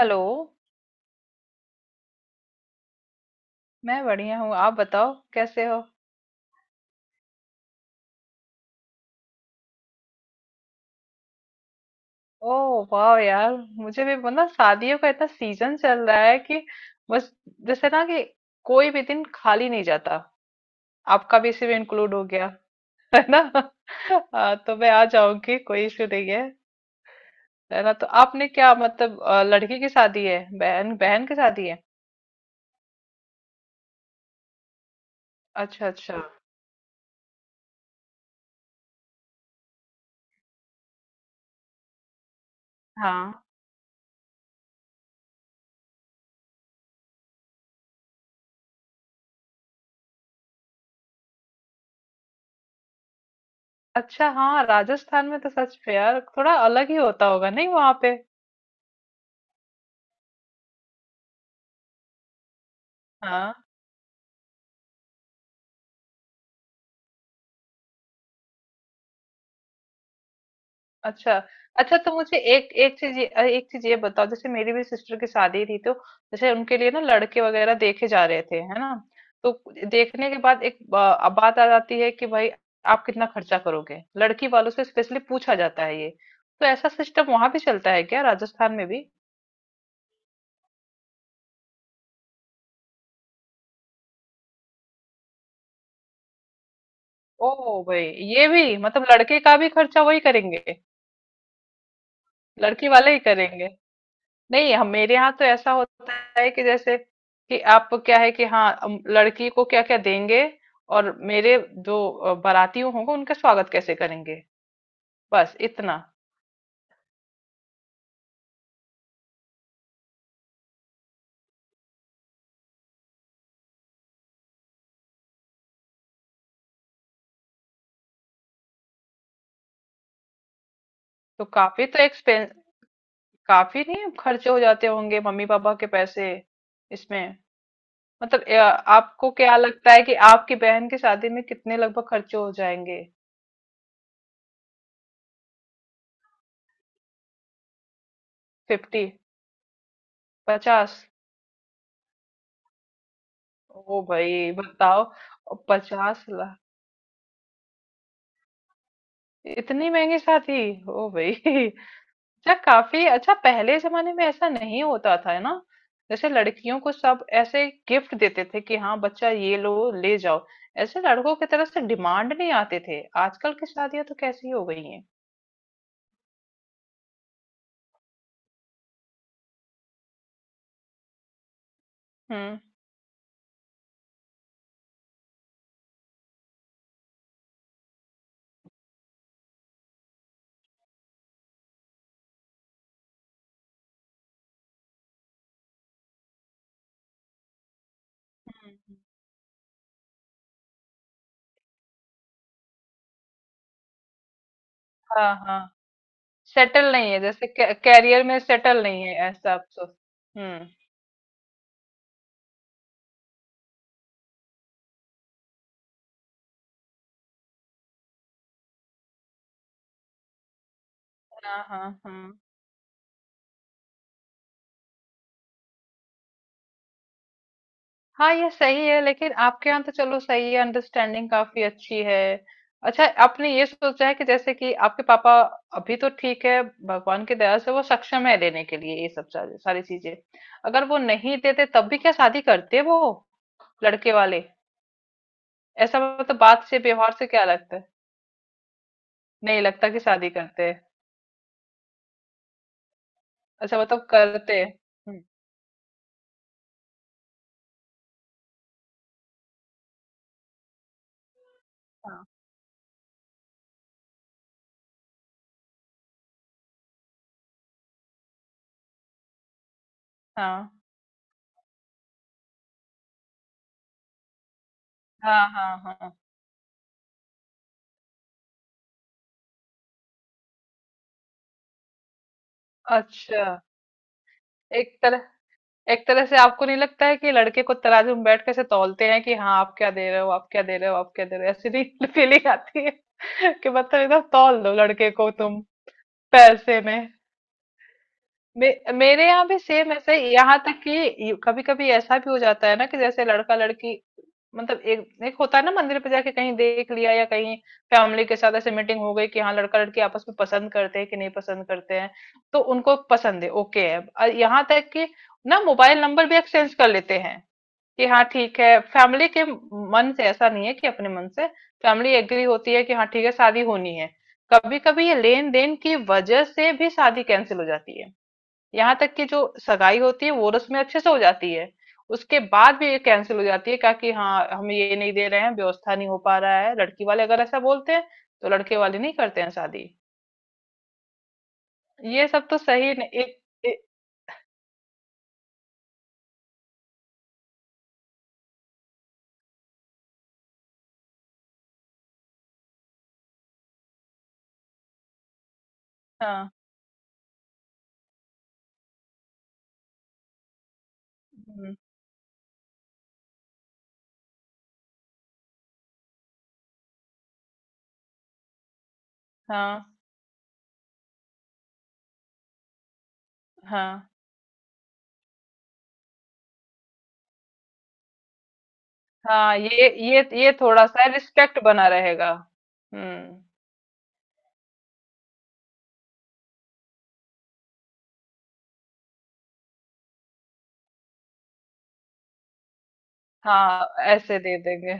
Hello. मैं बढ़िया हूँ, आप बताओ कैसे हो। ओह वाह यार, मुझे भी शादियों का इतना सीजन चल रहा है कि बस, जैसे ना कि कोई भी दिन खाली नहीं जाता। आपका भी इसी में इंक्लूड हो गया, है ना। हाँ, तो मैं आ जाऊंगी, कोई इशू नहीं है। है ना। तो आपने क्या लड़की की शादी है, बहन बहन की शादी है। अच्छा अच्छा। हाँ अच्छा। हाँ, राजस्थान में तो सच में यार थोड़ा अलग ही होता होगा नहीं वहां पे। हाँ। अच्छा, अच्छा तो मुझे एक एक चीज ये, एक चीज ये बताओ। जैसे मेरी भी सिस्टर की शादी थी, तो जैसे उनके लिए ना लड़के वगैरह देखे जा रहे थे, है ना। तो देखने के बाद अब बात आ जाती है कि भाई आप कितना खर्चा करोगे, लड़की वालों से स्पेशली पूछा जाता है ये। तो ऐसा सिस्टम वहां भी चलता है क्या, राजस्थान में भी। ओ भाई, ये भी मतलब लड़के का भी खर्चा वही करेंगे, लड़की वाले ही करेंगे। नहीं, हम मेरे यहाँ तो ऐसा होता है कि जैसे कि आप क्या है कि हाँ, लड़की को क्या क्या देंगे, और मेरे जो बाराती होंगे उनका स्वागत कैसे करेंगे, बस इतना। तो काफी तो एक्सपेंस, काफी नहीं खर्चे हो जाते होंगे मम्मी पापा के पैसे इसमें। मतलब अ, आपको क्या लगता है कि आपकी बहन की शादी में कितने लगभग खर्चे हो जाएंगे। फिफ्टी, पचास। ओ भाई बताओ, 50 लाख, इतनी महंगी शादी। ओ भाई। अच्छा, काफी अच्छा। पहले जमाने में ऐसा नहीं होता था, है ना। जैसे लड़कियों को सब ऐसे गिफ्ट देते थे कि हाँ बच्चा ये लो, ले जाओ। ऐसे लड़कों की तरफ से डिमांड नहीं आते थे। आजकल की शादियां तो कैसी हो गई हैं। हम्म। हम्म। हाँ हाँ, सेटल नहीं है, जैसे कैरियर में सेटल नहीं है, ऐसा आप सोच। हम्म। हाँ हाँ हाँ हाँ। ये सही है, लेकिन आपके यहाँ तो चलो सही है, अंडरस्टैंडिंग काफी अच्छी है। अच्छा, आपने ये सोचा है कि जैसे कि आपके पापा, अभी तो ठीक है भगवान की दया से वो सक्षम है देने के लिए ये सब सारी सारी चीजें, अगर वो नहीं देते तब भी क्या शादी करते वो, लड़के वाले। ऐसा मतलब बात से, व्यवहार से क्या लगता है। नहीं लगता कि शादी करते हैं। अच्छा मतलब करते हैं। हम्म। हाँ हाँ हाँ हाँ। हाँ अच्छा, एक तरह एक तरह से आपको नहीं लगता है कि लड़के को तराजू में बैठ के से तौलते हैं कि हाँ आप क्या दे रहे हो, आप क्या दे रहे हो, आप क्या दे रहे हो, ऐसी नहीं फीलिंग आती है कि मतलब एकदम तौल दो लड़के को तुम पैसे में। मेरे यहाँ भी सेम ऐसे ही, यहाँ तक कि कभी कभी ऐसा भी हो जाता है ना कि जैसे लड़का लड़की, मतलब एक एक होता है ना, मंदिर पे जाके कहीं देख लिया या कहीं फैमिली के साथ ऐसे मीटिंग हो गई कि हाँ लड़का लड़की आपस में पसंद करते हैं कि नहीं पसंद करते हैं। तो उनको पसंद है, ओके है, और यहाँ तक कि ना मोबाइल नंबर भी एक्सचेंज कर लेते हैं कि हाँ ठीक है, फैमिली के मन से ऐसा नहीं है कि अपने मन से फैमिली एग्री होती है कि हाँ ठीक है शादी होनी है। कभी कभी ये लेन देन की वजह से भी शादी कैंसिल हो जाती है। यहाँ तक कि जो सगाई होती है वो रस्में अच्छे से हो जाती है, उसके बाद भी ये कैंसिल हो जाती है क्या कि हाँ हम ये नहीं दे रहे हैं, व्यवस्था नहीं हो पा रहा है, लड़की वाले अगर ऐसा बोलते हैं तो लड़के वाले नहीं करते हैं शादी। ये सब तो सही नहीं। एक, एक हाँ। हम्म। हाँ हाँ हाँ, ये थोड़ा सा रिस्पेक्ट बना रहेगा। हम्म। हाँ ऐसे दे देंगे।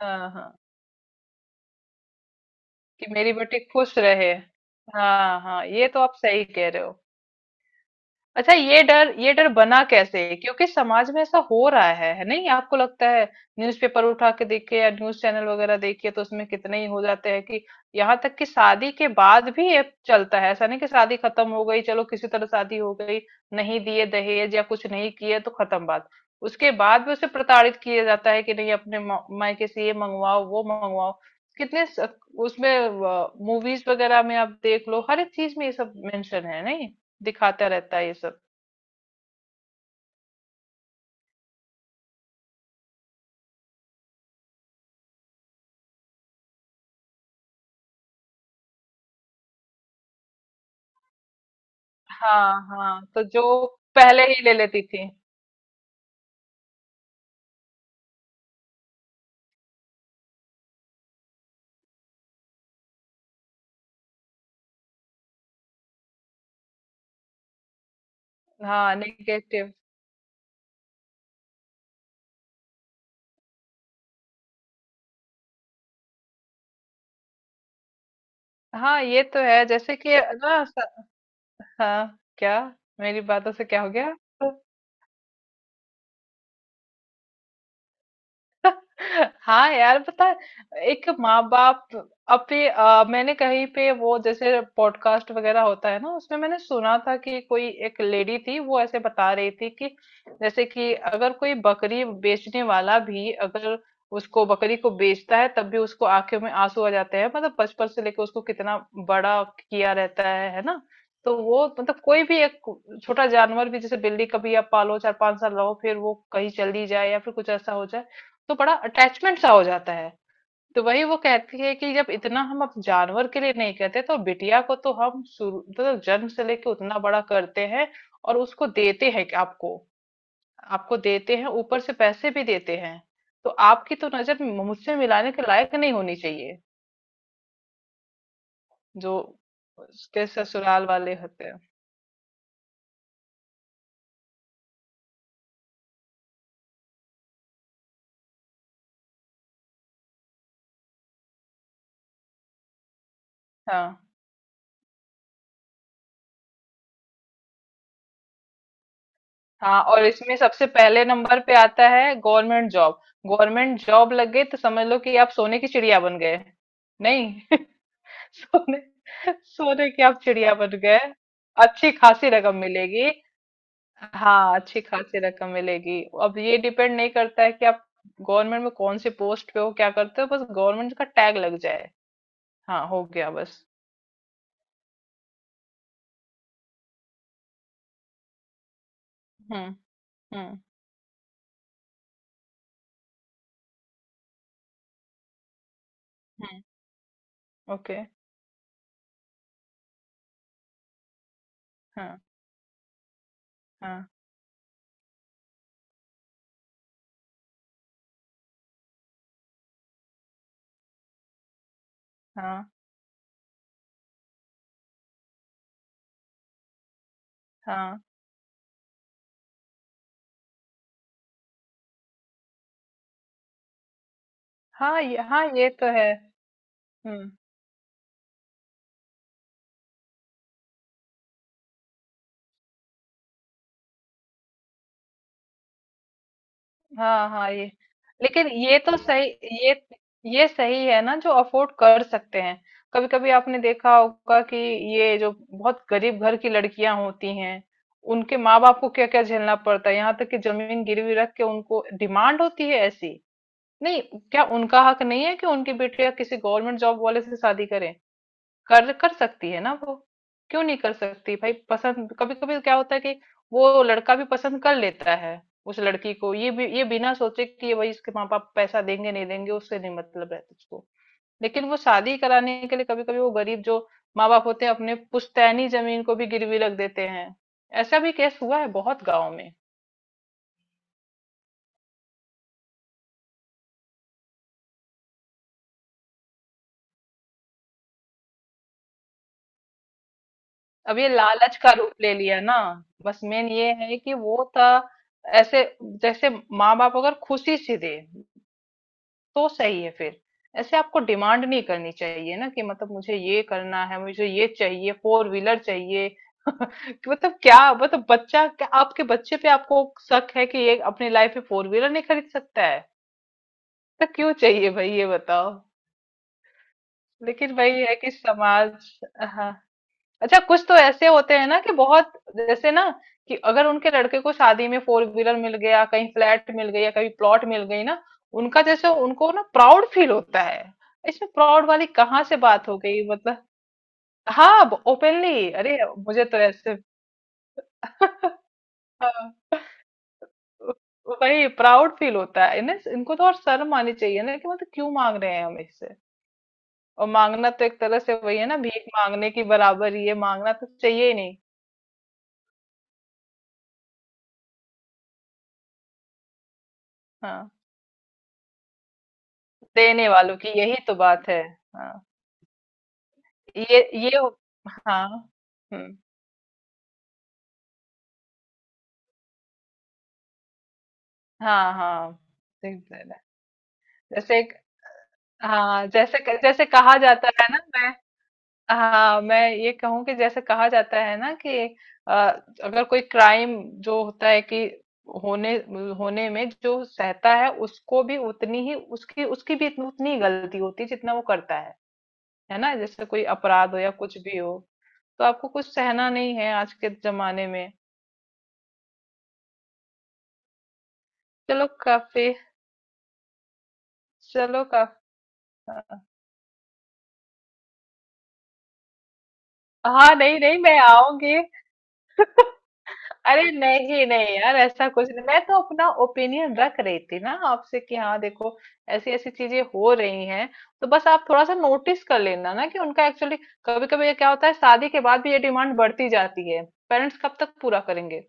हाँ हाँ, कि मेरी बेटी खुश रहे। हाँ हाँ, ये तो आप सही कह रहे हो। अच्छा, ये डर बना कैसे, क्योंकि समाज में ऐसा हो रहा है नहीं आपको लगता है। न्यूज़पेपर उठा के देखिए या न्यूज़ चैनल वगैरह देखिए तो उसमें कितने ही हो जाते हैं कि यहाँ तक कि शादी के बाद भी ये चलता है। ऐसा नहीं कि शादी खत्म हो गई, चलो किसी तरह शादी हो गई, नहीं दिए दहेज या कुछ नहीं किए तो खत्म बात। उसके बाद भी उसे प्रताड़ित किया जाता है कि नहीं अपने मायके से ये मंगवाओ वो मंगवाओ। कितने स- उसमें मूवीज वगैरह में आप देख लो हर एक चीज में ये सब मेंशन है नहीं, दिखाता रहता है ये सब। हाँ हाँ, तो जो पहले ही ले लेती थी। हाँ नेगेटिव। हाँ ये तो है, जैसे कि ना स- हाँ क्या। मेरी बातों से क्या हो गया। हाँ यार पता है, एक माँ बाप अपने, मैंने कहीं पे वो जैसे पॉडकास्ट वगैरह होता है ना उसमें मैंने सुना था कि कोई एक लेडी थी, वो ऐसे बता रही थी कि जैसे कि अगर कोई बकरी बेचने वाला भी अगर उसको बकरी को बेचता है तब भी उसको आंखों में आंसू आ जाते हैं, मतलब बचपन से लेकर उसको कितना बड़ा किया रहता है ना। तो वो मतलब कोई भी एक छोटा जानवर भी, जैसे बिल्ली, कभी आप पालो 4 5 साल रहो फिर वो कहीं चली जाए या फिर कुछ ऐसा हो जाए तो बड़ा अटैचमेंट सा हो जाता है। तो वही वो कहती है कि जब इतना हम अब जानवर के लिए नहीं कहते, तो बिटिया को तो हम शुरू मतलब जन्म से लेके उतना बड़ा करते हैं और उसको देते हैं कि आपको आपको देते हैं, ऊपर से पैसे भी देते हैं, तो आपकी तो नजर मुझसे मिलाने के लायक नहीं होनी चाहिए, जो उसके ससुराल वाले होते हैं। हाँ हाँ, और इसमें सबसे पहले नंबर पे आता है गवर्नमेंट जॉब। गवर्नमेंट जॉब लग गई तो समझ लो कि आप सोने की चिड़िया बन गए। नहीं। सोने सोने की आप चिड़िया बन गए। अच्छी खासी रकम मिलेगी। हाँ अच्छी खासी रकम मिलेगी। अब ये डिपेंड नहीं करता है कि आप गवर्नमेंट में कौन से पोस्ट पे हो, क्या करते हो, बस गवर्नमेंट का टैग लग जाए। हाँ हो गया बस। हम्म हम्म हम्म। ओके। हाँ हाँ हाँ हाँ। हाँ ये, हाँ ये तो है। हम्म। हाँ हाँ ये, लेकिन ये तो सही, ये ये सही है ना जो अफोर्ड कर सकते हैं। कभी कभी आपने देखा होगा कि ये जो बहुत गरीब घर की लड़कियां होती हैं उनके माँ बाप को क्या क्या झेलना पड़ता है, यहाँ तक कि जमीन गिरवी रख के उनको डिमांड होती है ऐसी। नहीं, क्या उनका हक नहीं है कि उनकी बेटियां किसी गवर्नमेंट जॉब वाले से शादी करें। कर कर सकती है ना वो, क्यों नहीं कर सकती भाई। पसंद कभी कभी क्या होता है कि वो लड़का भी पसंद कर लेता है उस लड़की को, ये बिना सोचे कि ये भाई इसके माँ बाप पैसा देंगे नहीं देंगे, उससे नहीं मतलब रहता उसको। लेकिन वो शादी कराने के लिए कभी कभी वो गरीब जो माँ बाप होते हैं अपने पुश्तैनी जमीन को भी गिरवी रख देते हैं। ऐसा भी केस हुआ है बहुत गाँव में। अब ये लालच का रूप ले लिया ना, बस मेन ये है कि वो था ऐसे। जैसे माँ बाप अगर खुशी से दे तो सही है फिर, ऐसे आपको डिमांड नहीं करनी चाहिए ना कि मतलब मुझे ये करना है, मुझे ये चाहिए, फोर व्हीलर चाहिए। कि मतलब क्या, मतलब बच्चा, क्या आपके बच्चे पे आपको शक है कि ये अपनी लाइफ में फोर व्हीलर नहीं खरीद सकता है, तो क्यों चाहिए भाई ये बताओ। लेकिन भाई है कि समाज। हाँ। अच्छा कुछ तो ऐसे होते हैं ना कि बहुत, जैसे ना कि अगर उनके लड़के को शादी में फोर व्हीलर मिल गया, कहीं फ्लैट मिल गई या कहीं प्लॉट मिल गई ना, उनका जैसे उनको ना प्राउड फील होता है। इसमें प्राउड वाली कहाँ से बात हो गई मतलब। हाँ ओपनली, अरे मुझे तो ऐसे। हाँ, वही प्राउड फील होता है इन्हें, इनको तो और शर्म आनी चाहिए ना कि मतलब क्यों मांग रहे हैं हम इससे, और मांगना तो एक तरह से वही है ना, भीख मांगने की बराबर ही है, मांगना तो चाहिए ही नहीं। हाँ, देने वालों की यही तो बात है। हाँ ये हाँ। हम्म। हाँ हाँ। ठीक बोला। जैसे एक- हाँ, जैसे कहा जाता है ना, मैं हाँ मैं ये कहूँ कि जैसे कहा जाता है ना कि अ, अगर कोई क्राइम जो होता है, कि होने होने में जो सहता है उसको भी उतनी ही, उसकी उसकी भी उतनी ही गलती होती है जितना वो करता है ना। जैसे कोई अपराध हो या कुछ भी हो, तो आपको कुछ सहना नहीं है आज के जमाने में। चलो काफ़ी। चलो काफ़ी। हाँ, नहीं, नहीं मैं आऊँगी। अरे नहीं नहीं यार, ऐसा कुछ नहीं, मैं तो अपना ओपिनियन रख रही थी ना आपसे कि हाँ देखो ऐसी ऐसी चीजें हो रही हैं, तो बस आप थोड़ा सा नोटिस कर लेना ना कि उनका एक्चुअली कभी कभी ये क्या होता है शादी के बाद भी ये डिमांड बढ़ती जाती है, पेरेंट्स कब तक पूरा करेंगे।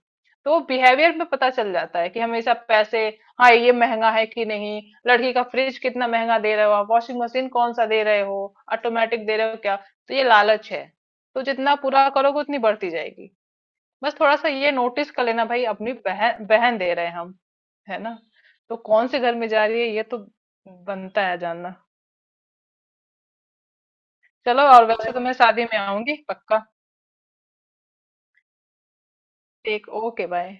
तो बिहेवियर में पता चल जाता है कि हमेशा पैसे, हाँ ये महंगा है कि नहीं, लड़की का फ्रिज कितना महंगा दे रहे हो आप, वॉशिंग मशीन कौन सा दे रहे हो, ऑटोमेटिक दे रहे हो क्या, तो ये लालच है, तो जितना पूरा करोगे उतनी बढ़ती जाएगी। बस थोड़ा सा ये नोटिस कर लेना भाई, अपनी बहन बहन दे रहे हैं हम, है ना, तो कौन से घर में जा रही है ये तो बनता है जानना। चलो और वैसे तो मैं शादी में आऊंगी पक्का। ठीक, ओके बाय।